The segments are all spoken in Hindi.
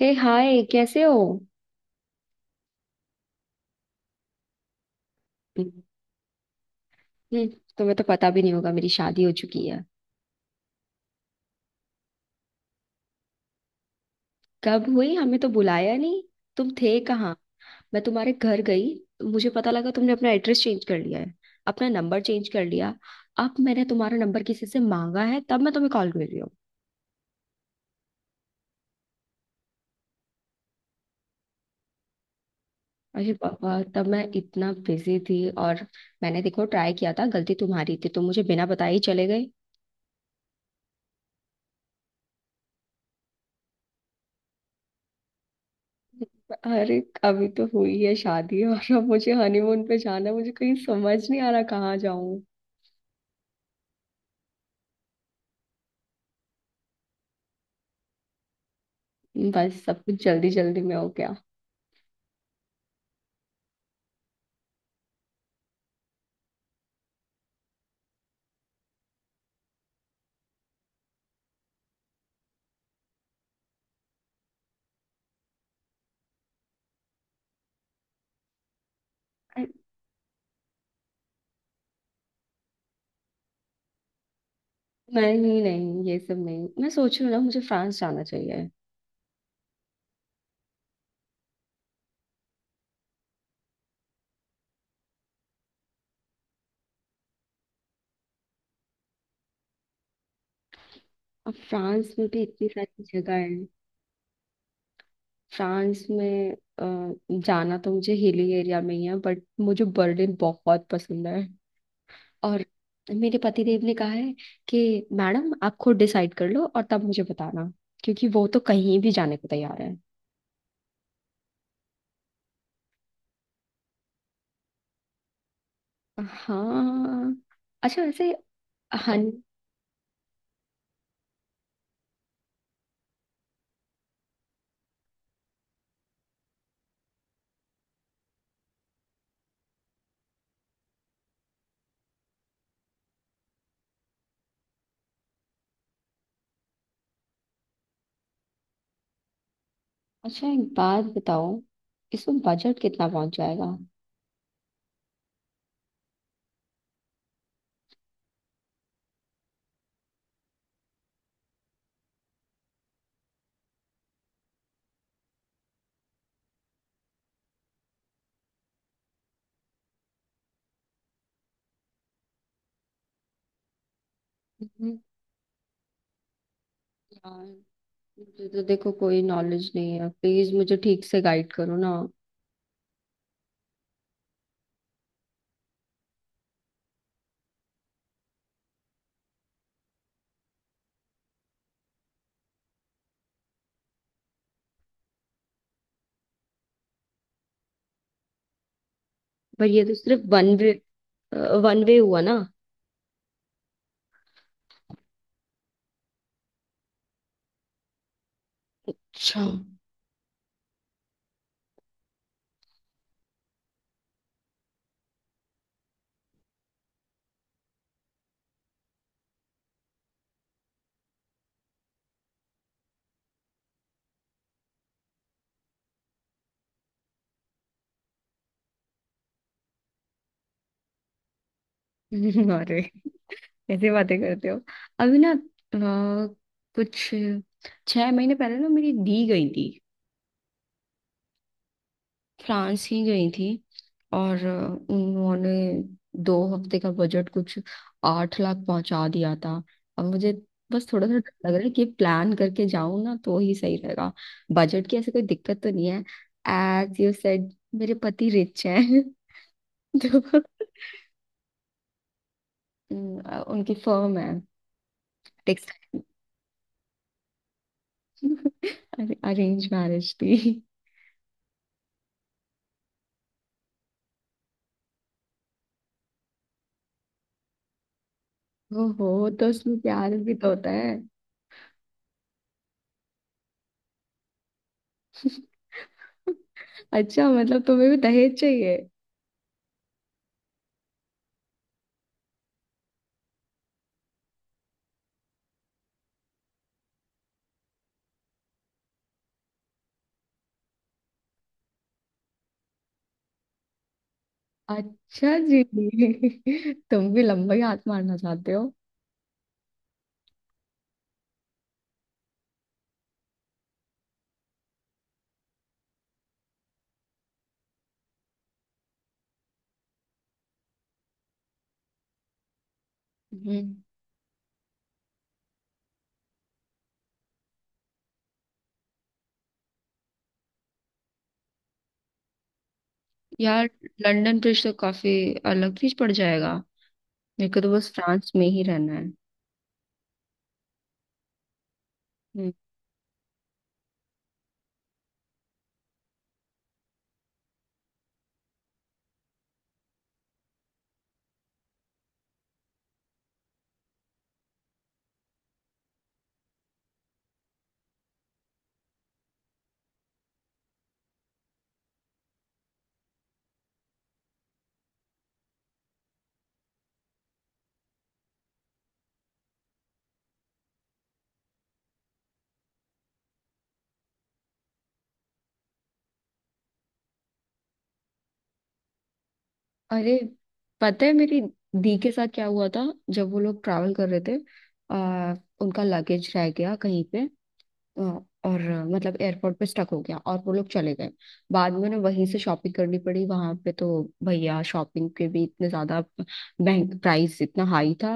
हे हाय, कैसे हो? हम्म। तुम्हें तो पता भी नहीं होगा, मेरी शादी हो चुकी है। कब हुई, हमें तो बुलाया नहीं। तुम थे कहाँ? मैं तुम्हारे घर गई तो मुझे पता लगा तुमने अपना एड्रेस चेंज कर लिया है। अपना नंबर चेंज कर लिया। अब मैंने तुम्हारा नंबर किसी से मांगा है तब मैं तुम्हें कॉल कर रही हूँ। अरे बाबा, तब मैं इतना बिजी थी। और मैंने देखो ट्राई किया था, गलती तुम्हारी थी, तुम मुझे बिना बताए ही चले गए। अरे। अभी तो हुई है शादी और अब मुझे हनीमून पे जाना है, मुझे कहीं समझ नहीं आ रहा कहाँ जाऊँ। बस सब कुछ जल्दी जल्दी में हो गया। नहीं नहीं, ये सब नहीं। मैं सोच रही हूँ ना, मुझे फ्रांस जाना चाहिए। अब फ्रांस में भी इतनी सारी जगह है। फ्रांस में अ, जाना तो मुझे हिली एरिया में ही है, बट मुझे बर्लिन बहुत पसंद है। और मेरे पतिदेव ने कहा है कि मैडम आप खुद डिसाइड कर लो और तब मुझे बताना, क्योंकि वो तो कहीं भी जाने को तैयार है। हाँ। अच्छा वैसे। अच्छा, एक बात बताओ, इसमें बजट कितना पहुंच जाएगा? हम्म, यार, मुझे तो देखो कोई नॉलेज नहीं है, प्लीज मुझे ठीक से गाइड करो ना। पर ये तो सिर्फ वन वे। वन वे हुआ ना? अच्छा। अरे, ऐसी बातें करते हो। अभी ना कुछ 6 महीने पहले ना मेरी दी गई थी। फ्रांस ही गई थी। और उन्होंने 2 हफ्ते का बजट कुछ 8 लाख पहुंचा दिया था। अब मुझे बस थोड़ा सा डर लग रहा है कि प्लान करके जाऊं ना तो ही सही रहेगा। बजट की ऐसे कोई दिक्कत तो नहीं है, एज यू सेड, मेरे पति रिच हैं। तो उनकी फर्म है, टेक्सटाइल। अरेंज मैरिज थी। ओहो, तो उसमें प्यार भी तो होता है। अच्छा मतलब तुम्हें भी दहेज चाहिए? अच्छा जी, तुम भी लंबा ही हाथ मारना चाहते हो। हम्म। यार, लंदन ब्रिज तो काफी अलग चीज पड़ जाएगा। मेरे को तो बस फ्रांस में ही रहना है। हम्म। अरे, पता है मेरी दी के साथ क्या हुआ था जब वो लोग ट्रैवल कर रहे थे। आ, उनका लगेज रह गया कहीं पे, अ, और मतलब एयरपोर्ट पे स्टक हो गया और वो लोग चले गए। बाद में उन्हें वहीं से शॉपिंग करनी पड़ी, वहां पे तो भैया शॉपिंग के भी इतने ज्यादा बैंक प्राइस इतना हाई था।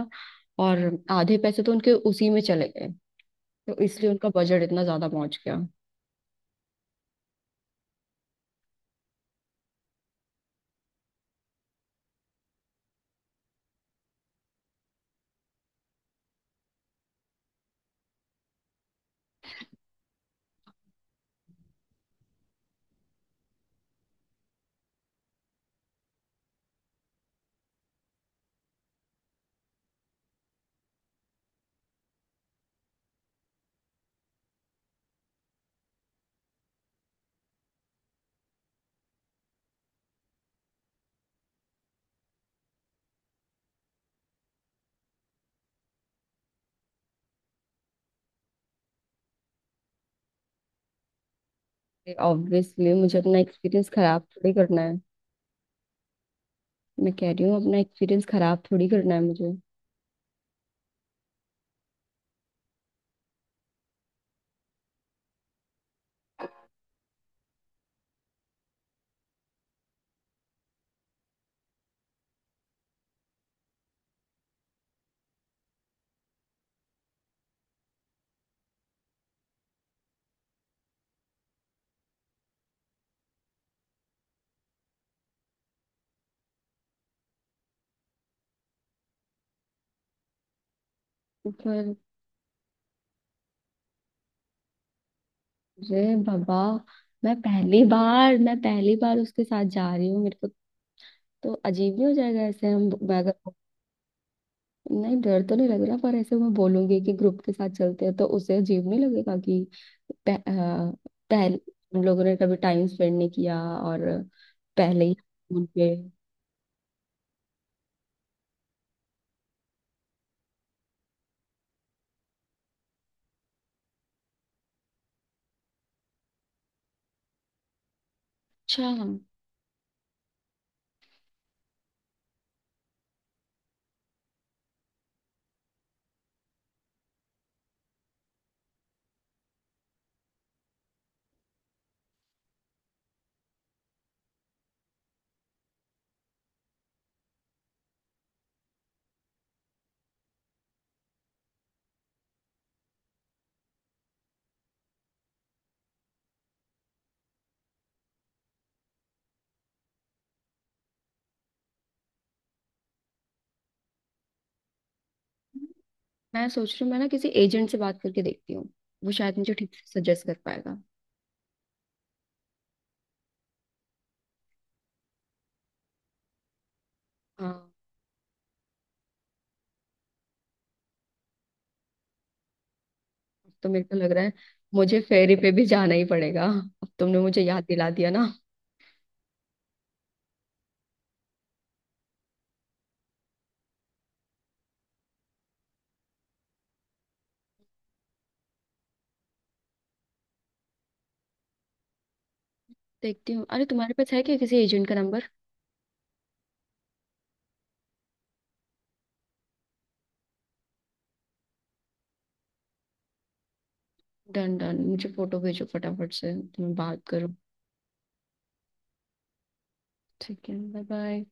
और आधे पैसे तो उनके उसी में चले गए। तो इसलिए उनका बजट इतना ज्यादा पहुंच गया। ऑब्वियसली मुझे अपना एक्सपीरियंस खराब थोड़ी करना है। मैं कह रही हूँ अपना एक्सपीरियंस खराब थोड़ी करना है मुझे। पर अरे बाबा, मैं पहली बार उसके साथ जा रही हूँ, मेरे को तो अजीब नहीं हो जाएगा ऐसे? हम मैं अगर नहीं, डर तो नहीं लग रहा, पर ऐसे मैं बोलूंगी कि ग्रुप के साथ चलते हैं तो उसे अजीब नहीं लगेगा कि पह, आ, पहले हम लोगों ने कभी टाइम स्पेंड नहीं किया और पहले ही फोन पे। अच्छा, मैं सोच रही हूँ मैं ना किसी एजेंट से बात करके देखती हूँ। वो शायद मुझे ठीक से सजेस्ट कर पाएगा। हाँ। अब तो मेरे को लग रहा है मुझे फेरी पे भी जाना ही पड़ेगा। अब तुमने मुझे याद दिला दिया ना। देखती हूँ, अरे तुम्हारे पास है क्या किसी एजेंट का नंबर? डन डन, मुझे फोटो भेजो फटाफट से तो मैं बात करूँ। ठीक है, बाय बाय।